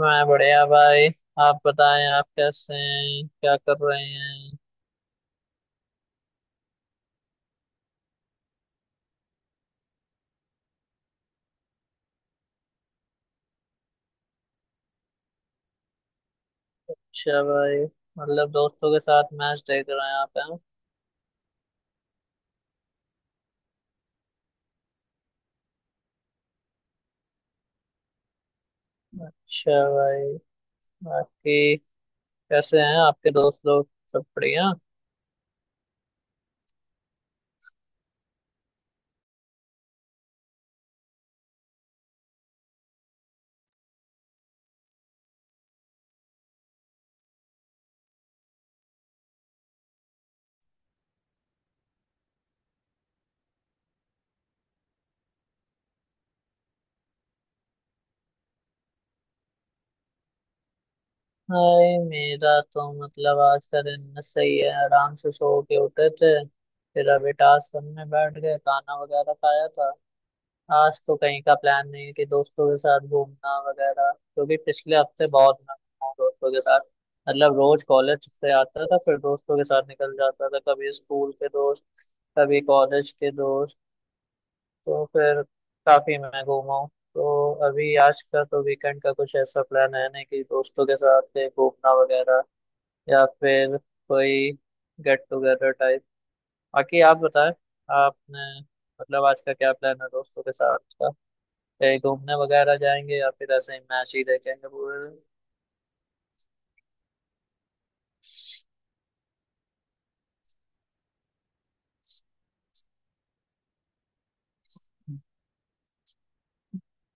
मैं बढ़िया भाई। आप बताएं, आप कैसे हैं, क्या कर रहे हैं? अच्छा भाई, मतलब दोस्तों के साथ मैच देख रहे हैं आप हैं। अच्छा भाई, बाकी कैसे हैं आपके दोस्त लोग, सब बढ़िया? भाई मेरा तो मतलब आज का दिन सही है, आराम से सो के उठे थे। फिर अभी टास्क करने बैठ गए, खाना वगैरह खाया था। आज तो कहीं का प्लान नहीं है कि दोस्तों के साथ घूमना वगैरह, क्योंकि पिछले हफ्ते बहुत मैं घूमा हूँ दोस्तों के साथ। मतलब रोज कॉलेज से आता था फिर दोस्तों के साथ निकल जाता था, कभी स्कूल के दोस्त कभी कॉलेज के दोस्त, तो फिर काफी मैं घूमा हूँ। तो अभी आज का तो वीकेंड का कुछ ऐसा प्लान है नहीं कि दोस्तों के साथ कहीं घूमना वगैरह, या फिर कोई गेट टुगेदर टाइप। बाकी आप बताएं, आपने मतलब आज का क्या प्लान है दोस्तों के साथ का? कहीं घूमने वगैरह जाएंगे या फिर ऐसे ही मैच ही देखेंगे पूरे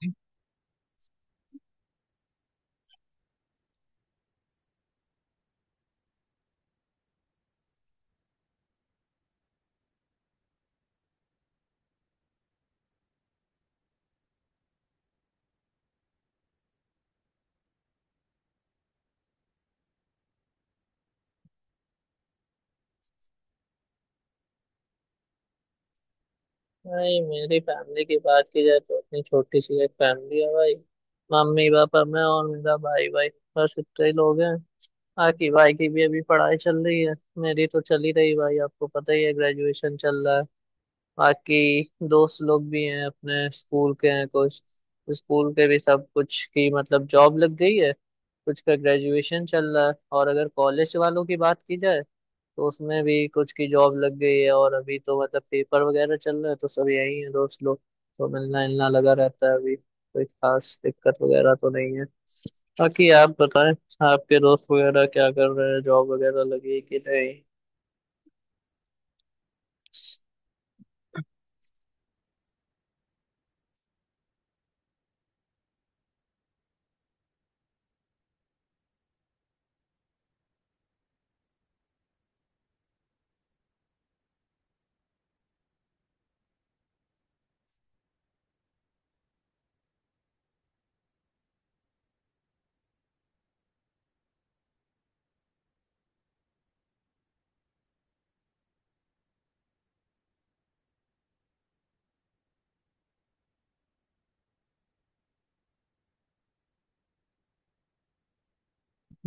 दिन? भाई मेरी फैमिली की बात की जाए तो अपनी छोटी सी एक फैमिली है भाई। मम्मी पापा मैं और मेरा भाई भाई, बस इतने ही लोग हैं। बाकी भाई की भी अभी पढ़ाई चल रही है, मेरी तो चल ही रही भाई, आपको पता ही है ग्रेजुएशन चल रहा है। बाकी दोस्त लोग भी हैं अपने, स्कूल के हैं कुछ। स्कूल के भी सब कुछ की मतलब जॉब लग गई है, कुछ का ग्रेजुएशन चल रहा है। और अगर कॉलेज वालों की बात की जाए तो उसमें भी कुछ की जॉब लग गई है, और अभी तो मतलब पेपर वगैरह चल रहे हैं, तो सब यही है दोस्त लोग। तो मिलना मिलना लगा रहता है, अभी कोई खास दिक्कत वगैरह तो नहीं है। बाकी आप बताएं, आपके दोस्त वगैरह क्या कर रहे हैं, जॉब वगैरह लगी है कि नहीं?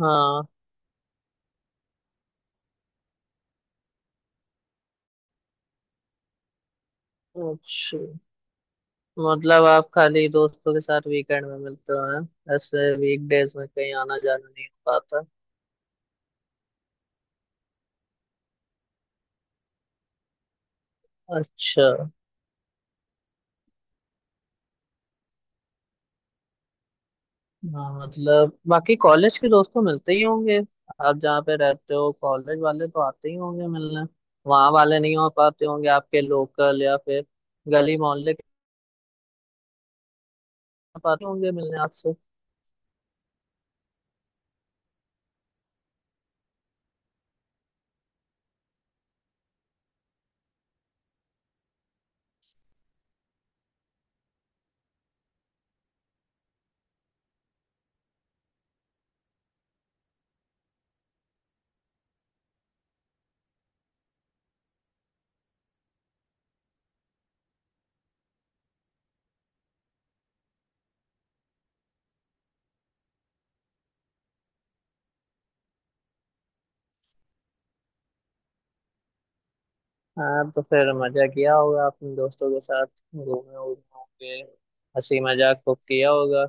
हाँ। अच्छा, मतलब आप खाली दोस्तों के साथ वीकेंड में मिलते हो हैं, ऐसे वीकडेज में कहीं आना जाना नहीं हो पाता। अच्छा, हाँ, मतलब बाकी कॉलेज के दोस्त तो मिलते ही होंगे, आप जहाँ पे रहते हो कॉलेज वाले तो आते ही होंगे मिलने। वहाँ वाले नहीं हो पाते होंगे आपके, लोकल या फिर गली मोहल्ले के आ पाते होंगे मिलने आपसे? हाँ तो फिर मजा किया होगा अपने दोस्तों के साथ, घूमे उमे होंगे, हंसी मजाक खूब किया होगा।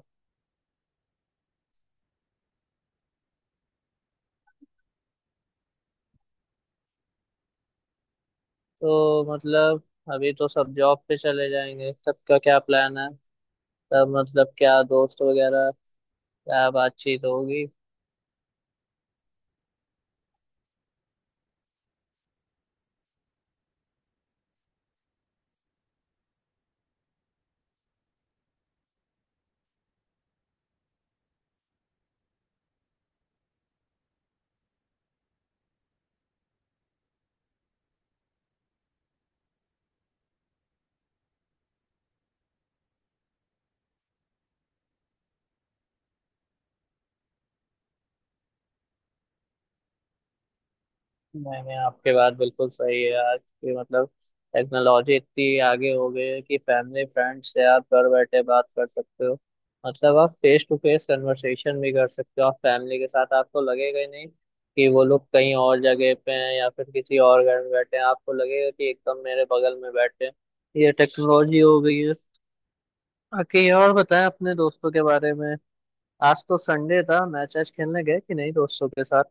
तो मतलब अभी तो सब जॉब पे चले जाएंगे, सबका क्या प्लान है, तब मतलब क्या दोस्त वगैरह क्या बातचीत होगी? नहीं नहीं, आपकी बात बिल्कुल सही है यार, कि मतलब टेक्नोलॉजी इतनी आगे हो गई है कि फैमिली फ्रेंड से आप घर बैठे बात कर सकते हो। मतलब आप फेस टू फेस कन्वर्सेशन भी कर सकते हो आप फैमिली के साथ, आपको लगेगा ही नहीं कि वो लोग कहीं और जगह पे हैं या फिर किसी और घर में बैठे हैं, आपको लगेगा कि एकदम मेरे बगल में बैठे हैं। ये टेक्नोलॉजी हो गई है। बाकी और बताएं अपने दोस्तों के बारे में, आज तो संडे था, मैच आज खेलने गए कि नहीं दोस्तों के साथ?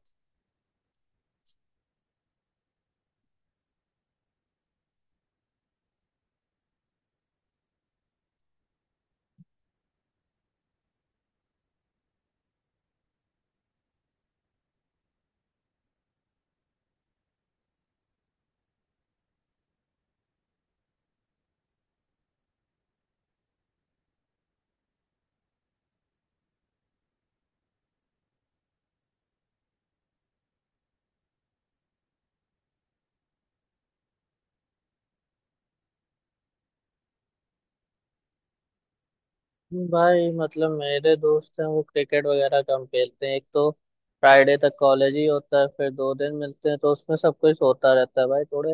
भाई मतलब मेरे दोस्त हैं वो क्रिकेट वगैरह कम खेलते हैं। एक तो फ्राइडे तक कॉलेज ही होता है, फिर दो दिन मिलते हैं तो उसमें सब कोई सोता रहता है भाई। थोड़े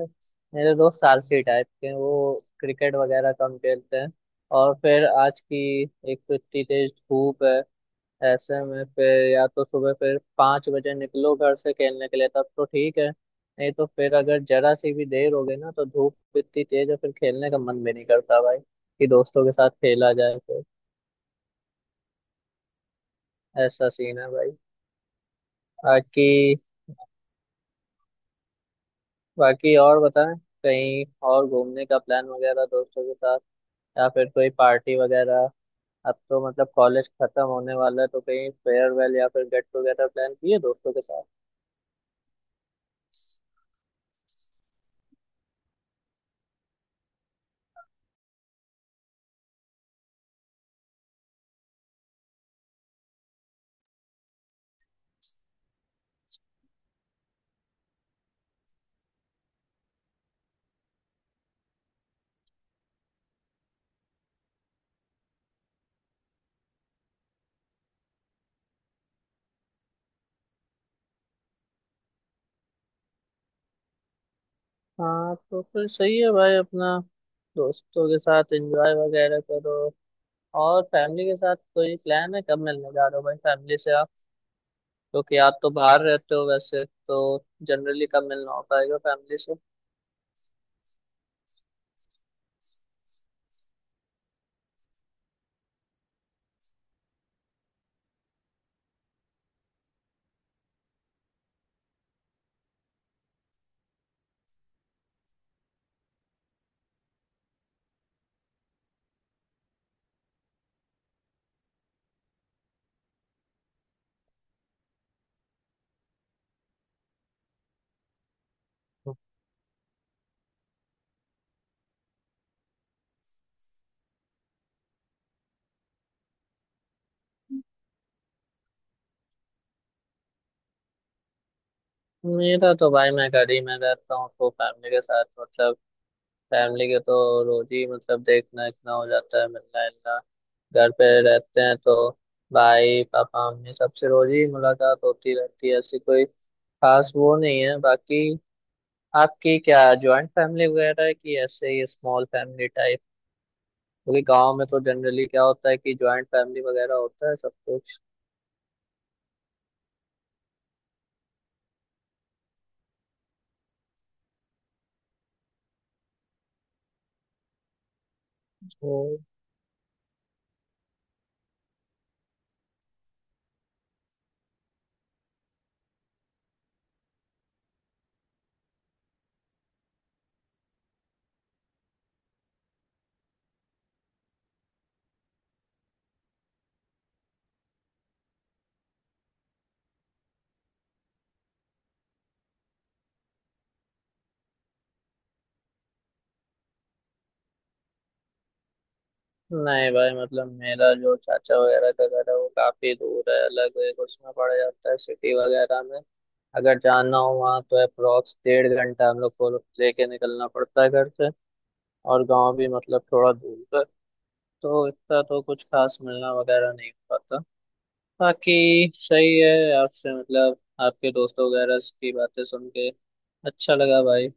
मेरे दोस्त आलसी टाइप के हैं, वो क्रिकेट वगैरह कम खेलते हैं। और फिर आज की, एक तो इतनी तेज धूप है, ऐसे में फिर या तो सुबह फिर 5 बजे निकलो घर से खेलने के लिए तब तो ठीक है, नहीं तो फिर अगर जरा सी भी देर हो गई ना तो धूप इतनी तेज है फिर खेलने का मन भी नहीं करता भाई, कि दोस्तों के साथ खेला जाए फिर। ऐसा सीन है भाई। बाकी बाकी और बताएं, कहीं और घूमने का प्लान वगैरह दोस्तों के साथ, या फिर कोई पार्टी वगैरह? अब तो मतलब कॉलेज खत्म होने वाला है, तो कहीं फेयरवेल या फिर गेट टुगेदर प्लान किए दोस्तों के साथ? हाँ तो फिर सही है भाई, अपना दोस्तों के साथ एंजॉय वगैरह करो। और फैमिली के साथ कोई प्लान है, कब मिलने जा रहे हो भाई फैमिली से आप? क्योंकि आप तो बाहर रहते हो वैसे तो, जनरली कब मिलना हो पाएगा फैमिली से? मेरा तो भाई, मैं घर ही में रहता हूँ तो फैमिली के साथ मतलब, फैमिली के तो रोज ही मतलब देखना इतना हो जाता है, मिलना इतना, घर पे रहते हैं तो। भाई पापा मम्मी सबसे रोज ही मुलाकात होती रहती है, ऐसी कोई खास वो नहीं है। बाकी आपकी क्या जॉइंट फैमिली वगैरह है कि ऐसे ही स्मॉल फैमिली टाइप? क्योंकि गांव में तो जनरली क्या होता है कि जॉइंट फैमिली वगैरह होता है सब कुछ। नहीं भाई, मतलब मेरा जो चाचा वगैरह का घर है वो काफी दूर है, अलग एक उसमें पड़ जाता है सिटी वगैरह में। अगर जाना हो वहाँ तो अप्रोक्स 1.5 घंटा हम लोग को लेके निकलना पड़ता है घर से, और गांव भी मतलब थोड़ा दूर है, तो इतना तो कुछ खास मिलना वगैरह नहीं हो पाता। बाकी सही है आपसे, मतलब आपके दोस्तों वगैरह की बातें सुन के अच्छा लगा भाई।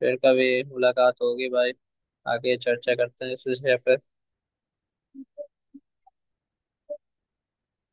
फिर कभी मुलाकात होगी भाई, आगे चर्चा करते हैं इस विषय पे।